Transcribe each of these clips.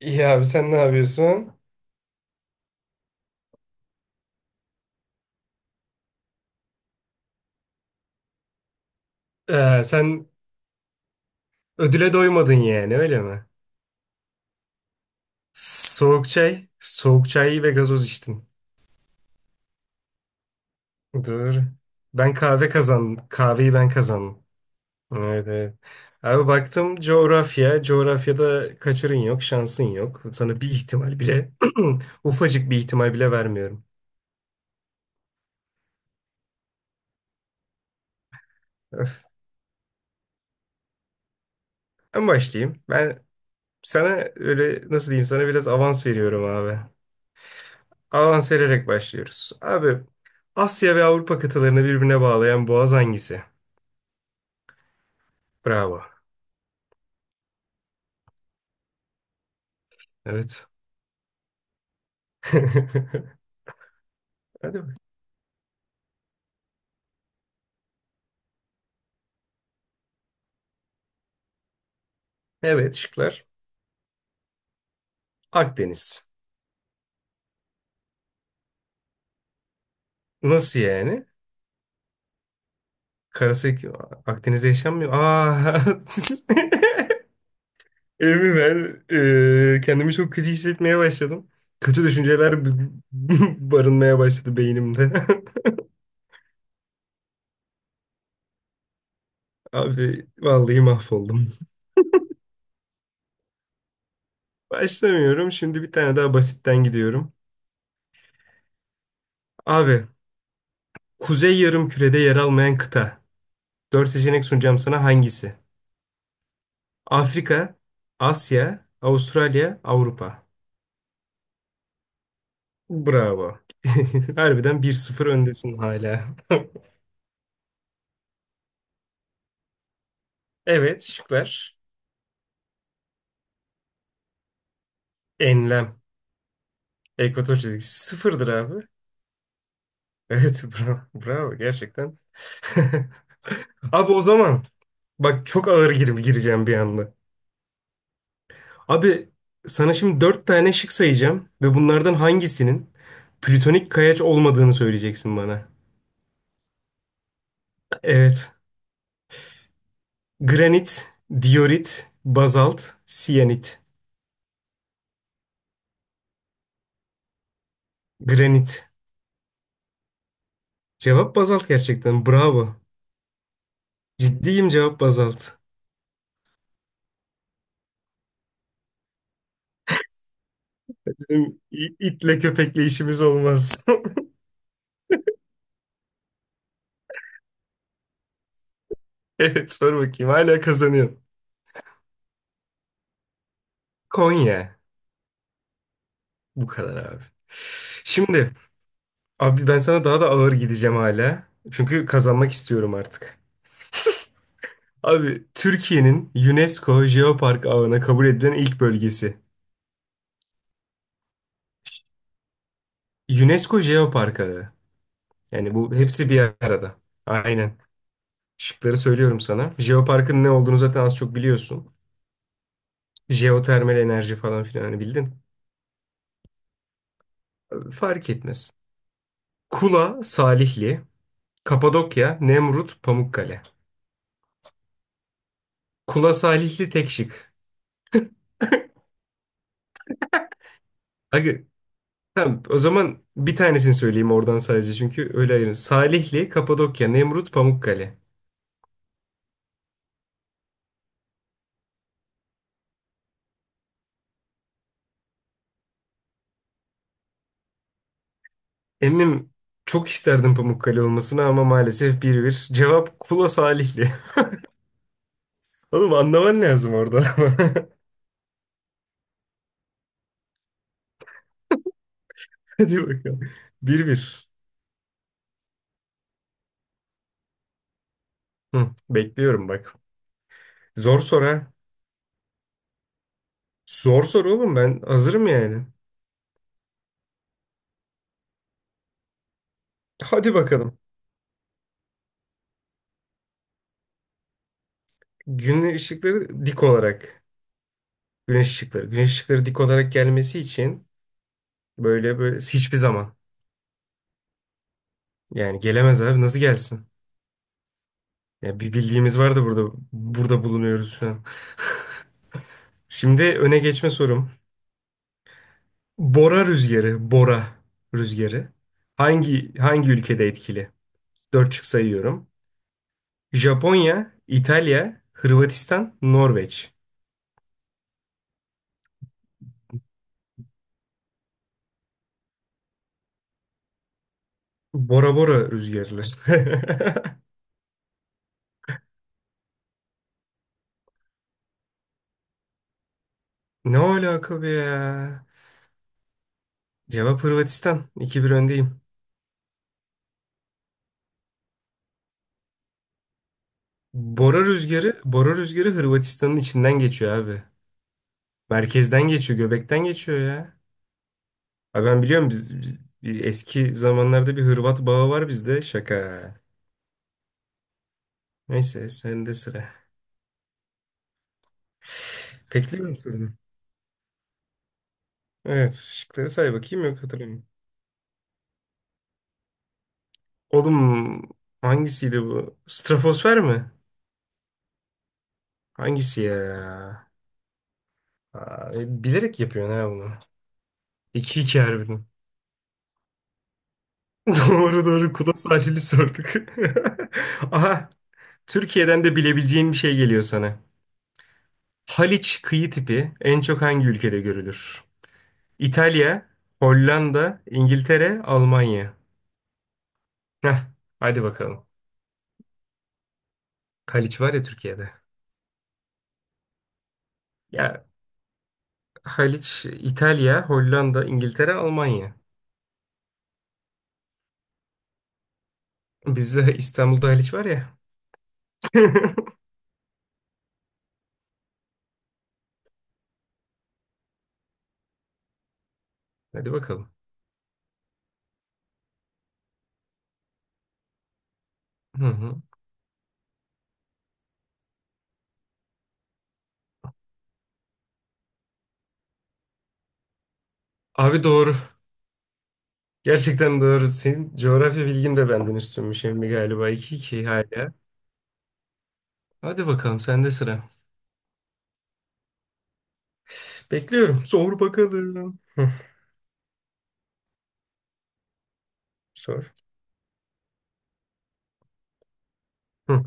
İyi abi sen ne yapıyorsun? Sen ödüle doymadın yani öyle mi? Soğuk çay, soğuk çay ve gazoz içtin. Dur. Ben kahve kazandım. Kahveyi ben kazandım. Evet, evet. Abi baktım coğrafya. Coğrafyada kaçarın yok, şansın yok. Sana bir ihtimal bile, ufacık bir ihtimal bile vermiyorum. Öf. Ben başlayayım. Ben sana öyle nasıl diyeyim, sana biraz avans veriyorum abi. Avans vererek başlıyoruz. Abi, Asya ve Avrupa kıtalarını birbirine bağlayan boğaz hangisi? Bravo. Evet. Hadi bak. Evet, şıklar. Akdeniz. Nasıl yani? Karası Akdeniz'de yaşanmıyor. Aa. Emin ben kendimi çok kötü hissetmeye başladım. Kötü düşünceler b- barınmaya başladı beynimde. Abi vallahi mahvoldum. Başlamıyorum. Şimdi bir tane daha basitten gidiyorum. Abi, Kuzey Yarımküre'de yer almayan kıta. Dört seçenek sunacağım sana, hangisi? Afrika, Asya, Avustralya, Avrupa. Bravo. Harbiden bir sıfır öndesin hala. Evet, şıklar. Enlem. Ekvator çizgisi sıfırdır abi. Evet, bravo. Bravo gerçekten. Abi o zaman bak, çok ağır girip gireceğim bir anda. Abi, sana şimdi dört tane şık sayacağım ve bunlardan hangisinin plütonik kayaç olmadığını söyleyeceksin bana. Evet. Granit, diorit, bazalt, siyanit. Granit. Cevap bazalt gerçekten. Bravo. Ciddiyim, cevap bazalt. Bizim itle köpekle işimiz olmaz. Evet, sor bakayım. Hala kazanıyorum. Konya. Bu kadar abi. Şimdi abi, ben sana daha da ağır gideceğim hala. Çünkü kazanmak istiyorum artık. Abi, Türkiye'nin UNESCO Jeopark ağına kabul edilen ilk bölgesi. UNESCO Jeopark ağı. Yani bu hepsi bir arada. Aynen. Şıkları söylüyorum sana. Jeopark'ın ne olduğunu zaten az çok biliyorsun. Jeotermal enerji falan filan, hani bildin. Fark etmez. Kula, Salihli, Kapadokya, Nemrut, Pamukkale. Kula, Salihli tek şık. Aga, tamam, o zaman bir tanesini söyleyeyim oradan sadece, çünkü öyle ayırın. Salihli, Kapadokya, Nemrut, Pamukkale. Emmim, çok isterdim Pamukkale olmasını ama maalesef bir bir. Cevap Kula, Salihli. Oğlum, anlaman lazım oradan ama. Hadi bakalım. Bir bir. Hı, bekliyorum bak. Zor soru ha. Zor soru oğlum, ben hazırım yani. Hadi bakalım. Güneş ışıkları dik olarak. Güneş ışıkları. Güneş ışıkları dik olarak gelmesi için, böyle böyle hiçbir zaman. Yani gelemez abi, nasıl gelsin? Ya bir bildiğimiz var da burada burada bulunuyoruz şu an. Şimdi öne geçme sorum. Bora rüzgarı, Bora rüzgarı hangi ülkede etkili? Dört şık sayıyorum. Japonya, İtalya, Hırvatistan, Norveç. Bora Bora rüzgarı. Ne alaka be ya? Cevap Hırvatistan. 2 bir öndeyim. Bora rüzgarı, Bora rüzgarı Hırvatistan'ın içinden geçiyor abi. Merkezden geçiyor, göbekten geçiyor ya. Abi ben biliyorum, bir eski zamanlarda bir Hırvat bağı var bizde. Şaka. Neyse, sende sıra. Bekliyorum sorunu. Evet, şıkları say bakayım, yok hatırlamıyorum. Oğlum, hangisiydi bu? Stratosfer mi? Hangisi ya? Aa, bilerek yapıyorsun ha bunu. iki 2 harbiden. Doğru doğru, kula sahili sorduk. Aha, Türkiye'den de bilebileceğin bir şey geliyor sana. Haliç kıyı tipi en çok hangi ülkede görülür? İtalya, Hollanda, İngiltere, Almanya. Heh, hadi bakalım. Haliç var ya Türkiye'de. Ya, Haliç. İtalya, Hollanda, İngiltere, Almanya. Bizde İstanbul'da Haliç var ya. Hadi bakalım. Hı hı. Abi doğru. Gerçekten doğru. Senin coğrafya bilgin de benden üstünmüş emmi galiba. iki 2 hala. Hadi bakalım, sende sıra. Bekliyorum. Sor bakalım. Hı. Sor. Hı.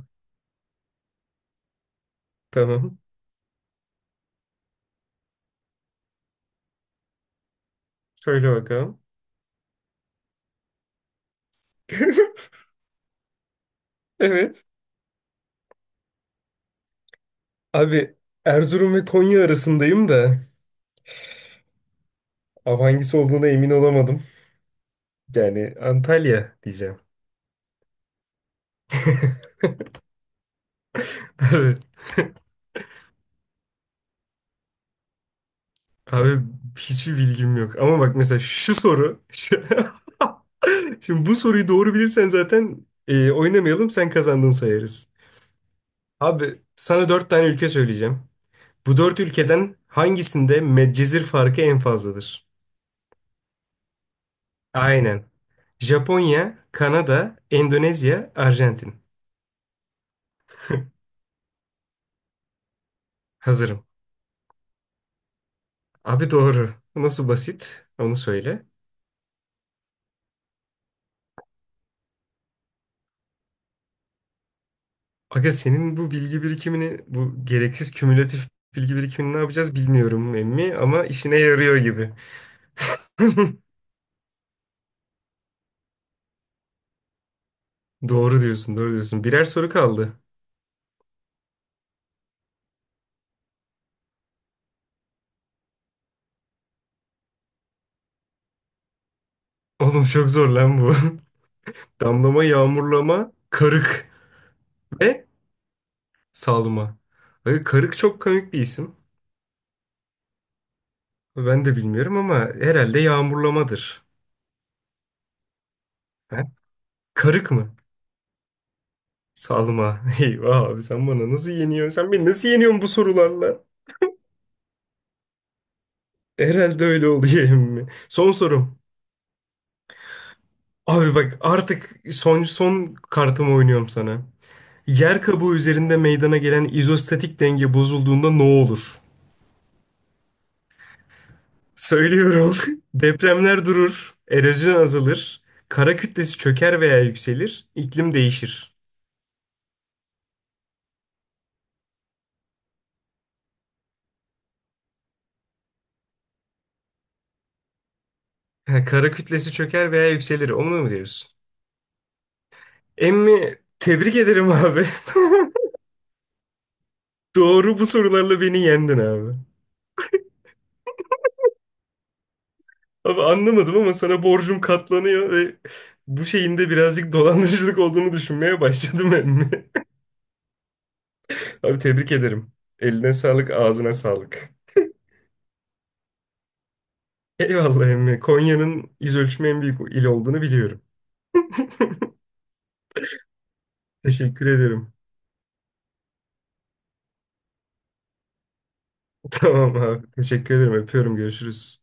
Tamam. Söyle bakalım. Evet. Abi, Erzurum ve Konya arasındayım da. Abi, hangisi olduğuna emin olamadım. Yani Antalya diyeceğim. Evet. Abi hiçbir bilgim yok. Ama bak mesela şu soru. Şimdi bu soruyu doğru bilirsen zaten, oynamayalım, sen kazandın sayarız. Abi, sana dört tane ülke söyleyeceğim. Bu dört ülkeden hangisinde medcezir farkı en fazladır? Aynen. Japonya, Kanada, Endonezya, Arjantin. Hazırım. Abi doğru. Bu nasıl basit? Onu söyle. Aga, senin bu bilgi birikimini, bu gereksiz kümülatif bilgi birikimini ne yapacağız bilmiyorum emmi, ama işine yarıyor gibi. Doğru diyorsun, doğru diyorsun. Birer soru kaldı. Oğlum çok zor lan bu. Damlama, yağmurlama, karık ve salma. Böyle karık çok komik bir isim. Ben de bilmiyorum ama herhalde yağmurlamadır. He? Karık mı? Salma. Eyvah abi, sen bana nasıl yeniyorsun? Sen beni nasıl yeniyorsun bu sorularla? Herhalde öyle oluyor. Emmi, son sorum. Abi bak, artık son son kartımı oynuyorum sana. Yer kabuğu üzerinde meydana gelen izostatik denge bozulduğunda ne olur? Söylüyorum. Depremler durur, erozyon azalır, kara kütlesi çöker veya yükselir, iklim değişir. Ha, kara kütlesi çöker veya yükselir. Onu mu diyorsun? Emmi, tebrik ederim abi. Doğru, bu sorularla beni yendin abi. Abi anlamadım ama sana borcum katlanıyor ve bu şeyin de birazcık dolandırıcılık olduğunu düşünmeye başladım emmi. Abi tebrik ederim. Eline sağlık, ağzına sağlık. Eyvallah emmi. Konya'nın yüz ölçümü en büyük il olduğunu biliyorum. Teşekkür ederim. Tamam abi. Teşekkür ederim. Öpüyorum. Görüşürüz.